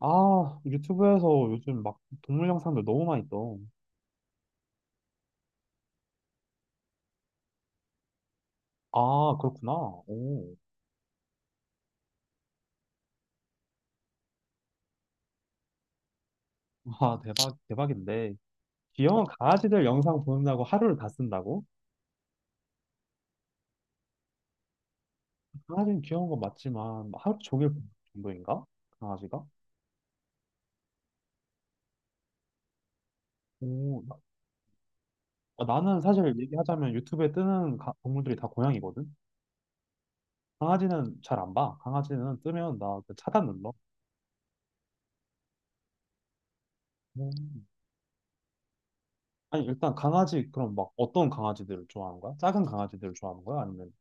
아, 유튜브에서 요즘 막 동물 영상들 너무 많이 떠. 아, 그렇구나. 오. 와, 대박, 대박인데. 귀여운 강아지들 영상 보는다고 하루를 다 쓴다고? 강아지는 귀여운 건 맞지만, 하루 종일 보는 정도인가? 강아지가? 오, 나, 나는 사실 얘기하자면 유튜브에 뜨는 동물들이 다 고양이거든? 강아지는 잘 안 봐. 강아지는 뜨면 나 그 차단 눌러. 오. 아니, 일단 강아지, 그럼 막 어떤 강아지들을 좋아하는 거야? 작은 강아지들을 좋아하는 거야? 아니면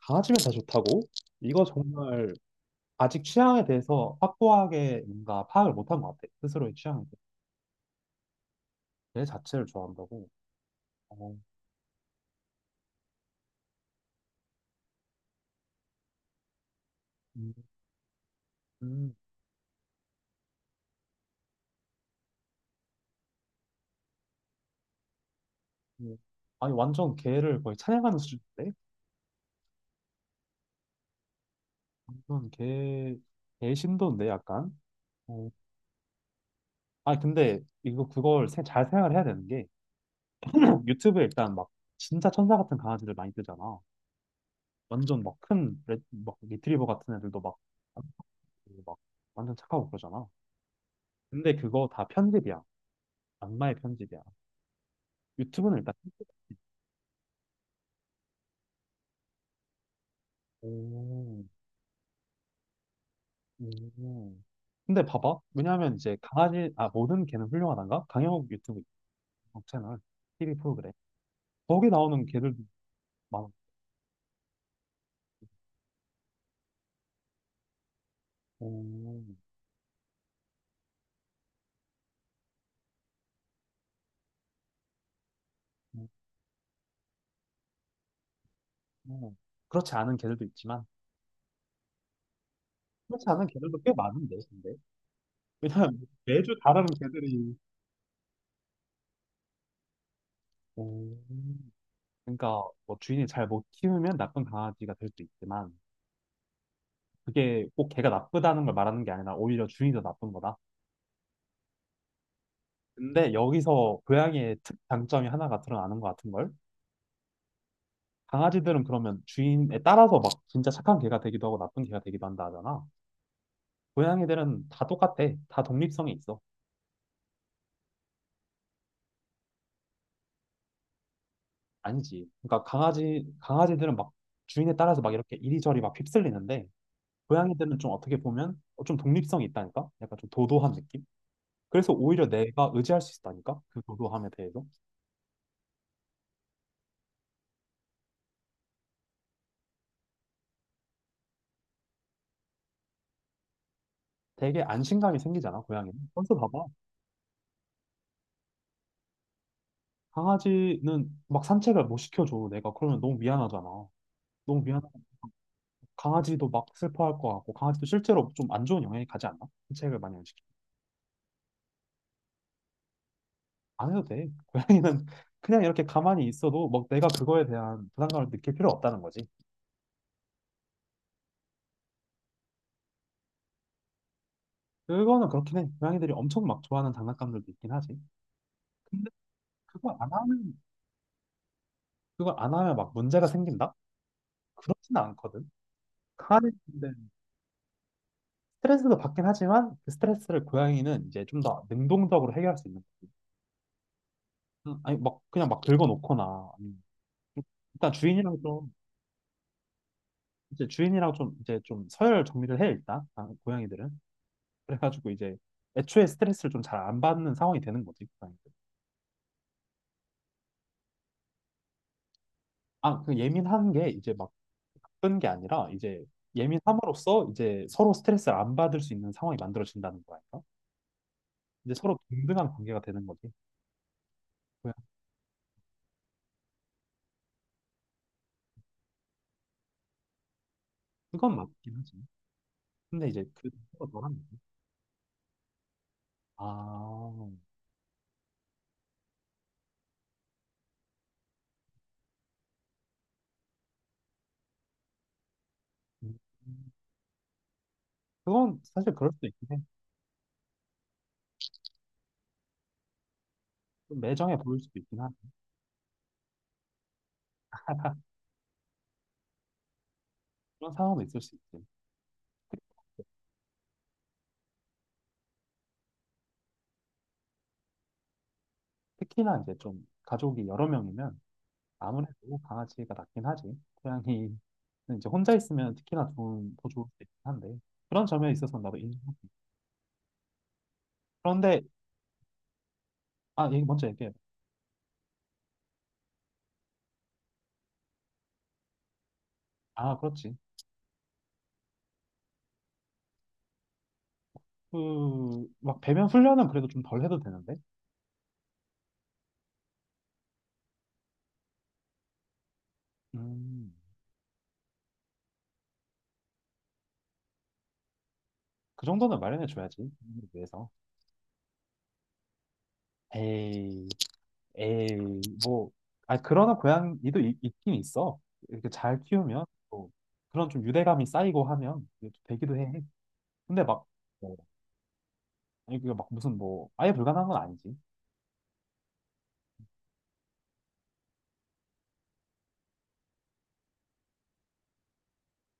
강아지면 다 좋다고? 이거 정말 아직 취향에 대해서 확고하게 뭔가 파악을 못한 것 같아. 스스로의 취향에 대해. 개 자체를 좋아한다고? 어, 음, 음, 음. 아니, 완전 개를 거의 찬양하는 수준인데? 이건 개, 개 신도인데, 약간? 어, 아니, 근데 이거 그걸 잘 생각을 해야 되는 게 유튜브에 일단 막 진짜 천사 같은 강아지들 많이 뜨잖아. 완전 막 큰, 막 리트리버 같은 애들도 막, 막 완전 착하고 그러잖아. 근데 그거 다 편집이야. 악마의 편집이야. 유튜브는 일단 오, 오. 음. 근데 봐봐. 왜냐하면 이제 강아지, 아, 모든 개는 훌륭하단가? 강형욱 유튜브 채널, TV 프로그램. 거기 나오는 개들도 많아. 오, 오. 그렇지 않은 개들도 있지만, 그렇지 않은 개들도 꽤 많은데, 근데. 왜냐면 매주 다른 개들이. 오. 그러니까 뭐 주인이 잘 못 키우면 나쁜 강아지가 될 수도 있지만, 그게 꼭 개가 나쁘다는 걸 말하는 게 아니라 오히려 주인이 더 나쁜 거다. 근데 여기서 고양이의 특 장점이 하나가 드러나는 것 같은 걸? 강아지들은 그러면 주인에 따라서 막 진짜 착한 개가 되기도 하고 나쁜 개가 되기도 한다 하잖아. 고양이들은 다 똑같아. 다 독립성이 있어. 아니지. 그러니까 강아지들은 막 주인에 따라서 막 이렇게 이리저리 막 휩쓸리는데 고양이들은 좀 어떻게 보면 좀 독립성이 있다니까? 약간 좀 도도한 느낌? 그래서 오히려 내가 의지할 수 있다니까? 그 도도함에 대해서. 되게 안심감이 생기잖아, 고양이는. 벌써 봐봐. 강아지는 막 산책을 못 시켜줘, 내가. 그러면 너무 미안하잖아. 너무 미안하 강아지도 막 슬퍼할 것 같고, 강아지도 실제로 좀 안 좋은 영향이 가지 않나? 산책을 많이 안 시켜. 안 해도 돼. 고양이는 그냥 이렇게 가만히 있어도 막 내가 그거에 대한 부담감을 느낄 필요 없다는 거지. 그거는 그렇긴 해. 고양이들이 엄청 막 좋아하는 장난감들도 있긴 하지. 근데 그걸 안 하면, 그걸 안 하면 막 문제가 생긴다? 그렇진 않거든. 강아지인데 스트레스도 받긴 하지만 그 스트레스를 고양이는 이제 좀 더 능동적으로 해결할 수 있는 응, 아니 막 그냥 막 들고 놓거나 아니면 좀- 일단 주인이랑 좀 이제 주인이랑 좀 이제 좀 서열 정리를 해 일단 아, 고양이들은 그래가지고 이제 애초에 스트레스를 좀 잘 안 받는 상황이 되는 거지 고양이들 아그 예민한 게 이제 막 나쁜 게 아니라 이제 예민함으로써 이제 서로 스트레스를 안 받을 수 있는 상황이 만들어진다는 거야 이제 서로 동등한 관계가 되는 거지 고양 그건 맞긴 하지 근데 이제 그 너랑 아 음. 그건 사실 그럴 수도 있긴 해좀 매정해 보일 수도 있긴 하지 그런 상황도 있을 수 있지. 특- 특히나 이제 좀 가족이 여러 명이면 아무래도 강아지가 낫긴 하지. 고양이는 이제 혼자 있으면 특히나 좋은, 더 좋을 수 있긴 한데. 그런 점에 있어서는 나도 인정. 그런데, 아, 얘기 먼저 얘기해. 아, 그렇지. 그, 막 배변 훈련은 그래도 좀 덜 해도 되는데. 음, 그 정도는 마련해 줘야지. 위해서. 에이. 에이, 뭐, 아, 그러나 고양이도 있, 긴 있어. 이렇게 잘 키우면, 또 그런 좀 유대감이 쌓이고 하면 이게 또 되기도 해. 근데 막, 뭐, 아니, 그게 막 무슨 뭐, 아예 불가능한 건 아니지.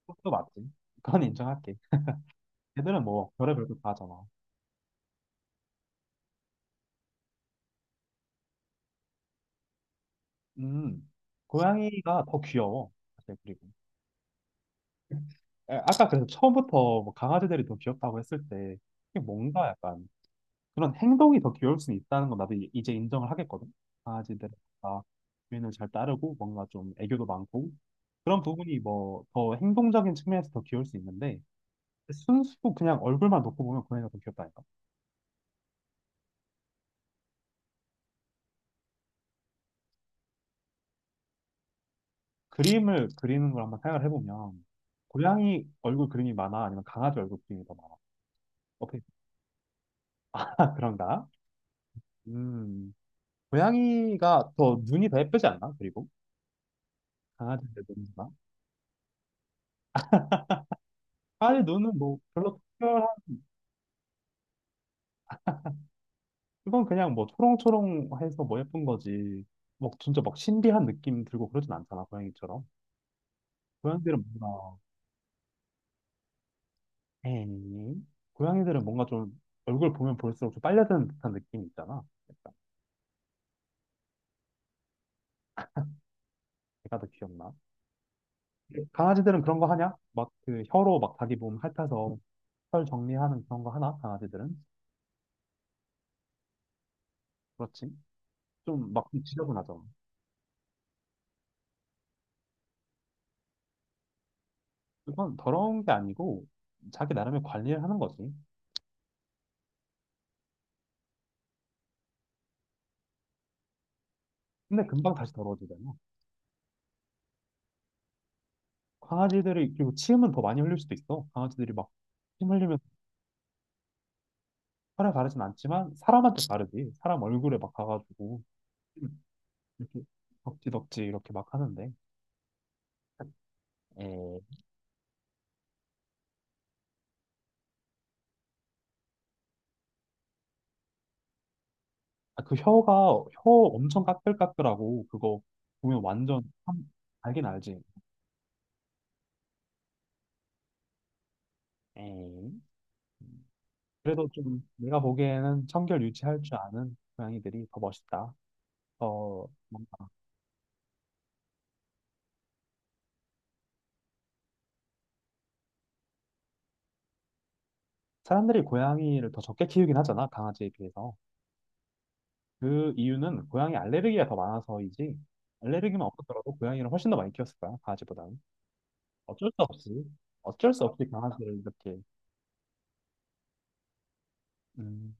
그것도 맞지. 그건 인정할게. 걔들은 뭐, 별의별 거다 하잖아. 음, 고양이가 더 귀여워. 사실, 그리고. 아, 아까 그래서 처음부터 뭐 강아지들이 더 귀엽다고 했을 때, 이게 뭔가 약간 그런 행동이 더 귀여울 수는 있다는 건 나도 이제 인정을 하겠거든. 강아지들은 다 주인을 잘 따르고 뭔가 좀 애교도 많고 그런 부분이 뭐 더 행동적인 측면에서 더 귀여울 수 있는데 순수 그냥 얼굴만 놓고 보면 고양이가 더 귀엽다니까. 그림을 그리는 걸 한번 생각을 해보면 고양이 얼굴 그림이 많아 아니면 강아지 얼굴 그림이 더 많아? 어떻게 그런가? 음 고양이가 더 눈이 더 예쁘지 않나? 그리고 강아지들 눈이나 강아지 눈은 뭐 별로 특별한 이건 그냥 뭐 초롱초롱해서 뭐 예쁜 거지. 뭐 진짜 막 신비한 느낌 들고 그러진 않잖아, 고양이처럼. 고양이들은 뭔가, 에이. 고양이들은 뭔가 좀 얼굴 보면 볼수록 좀 빨려드는 듯한 느낌이 있잖아. 약간 걔가 더 귀엽나? 강아지들은 그런 거 하냐? 막 그 혀로 막 자기 몸 핥아서 털 정리하는 그런 거 하나? 강아지들은? 그렇지. 좀 막 지저분하잖아. 그건 더러운 게 아니고 자기 나름의 관리를 하는 거지. 근데 금방 다시 더러워지잖아. 강아지들이 그리고 침은 더 많이 흘릴 수도 있어. 강아지들이 막 침 흘리면 사에 가르진 않지만 사람한테 가르지. 사람 얼굴에 막 가가지고 이렇게 덕지덕지 이렇게 막 하는데. 에, 아, 그 혀가 혀 엄청 까끌까끌하고 그거 보면 완전 참 알긴 알지. 에이. 그래도 좀 내가 보기에는 청결 유지할 줄 아는 고양이들이 더 멋있다. 뭔가 사람들이 고양이를 더 적게 키우긴 하잖아, 강아지에 비해서. 그 이유는 고양이 알레르기가 더 많아서이지 알레르기만 없었더라도 고양이를 훨씬 더 많이 키웠을 거야 강아지보다는 어쩔 수 없이 어쩔 수 없이 강아지를 이렇게 음,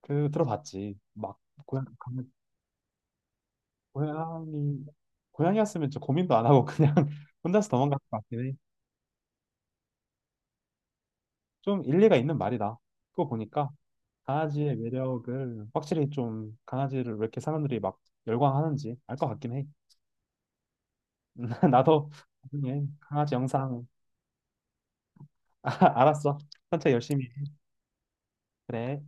그 들어봤지 막 고양 강 고양이 고양이였으면 저 고민도 안 하고 그냥 혼자서 도망갈 것 같긴 해. 좀 일리가 있는 말이다. 그거 보니까 강아지의 매력을 확실히 좀 강아지를 왜 이렇게 사람들이 막 열광하는지 알 것 같긴 해. 나도 나중에 강아지 영상 알았어. 천천히 열심히. 그래.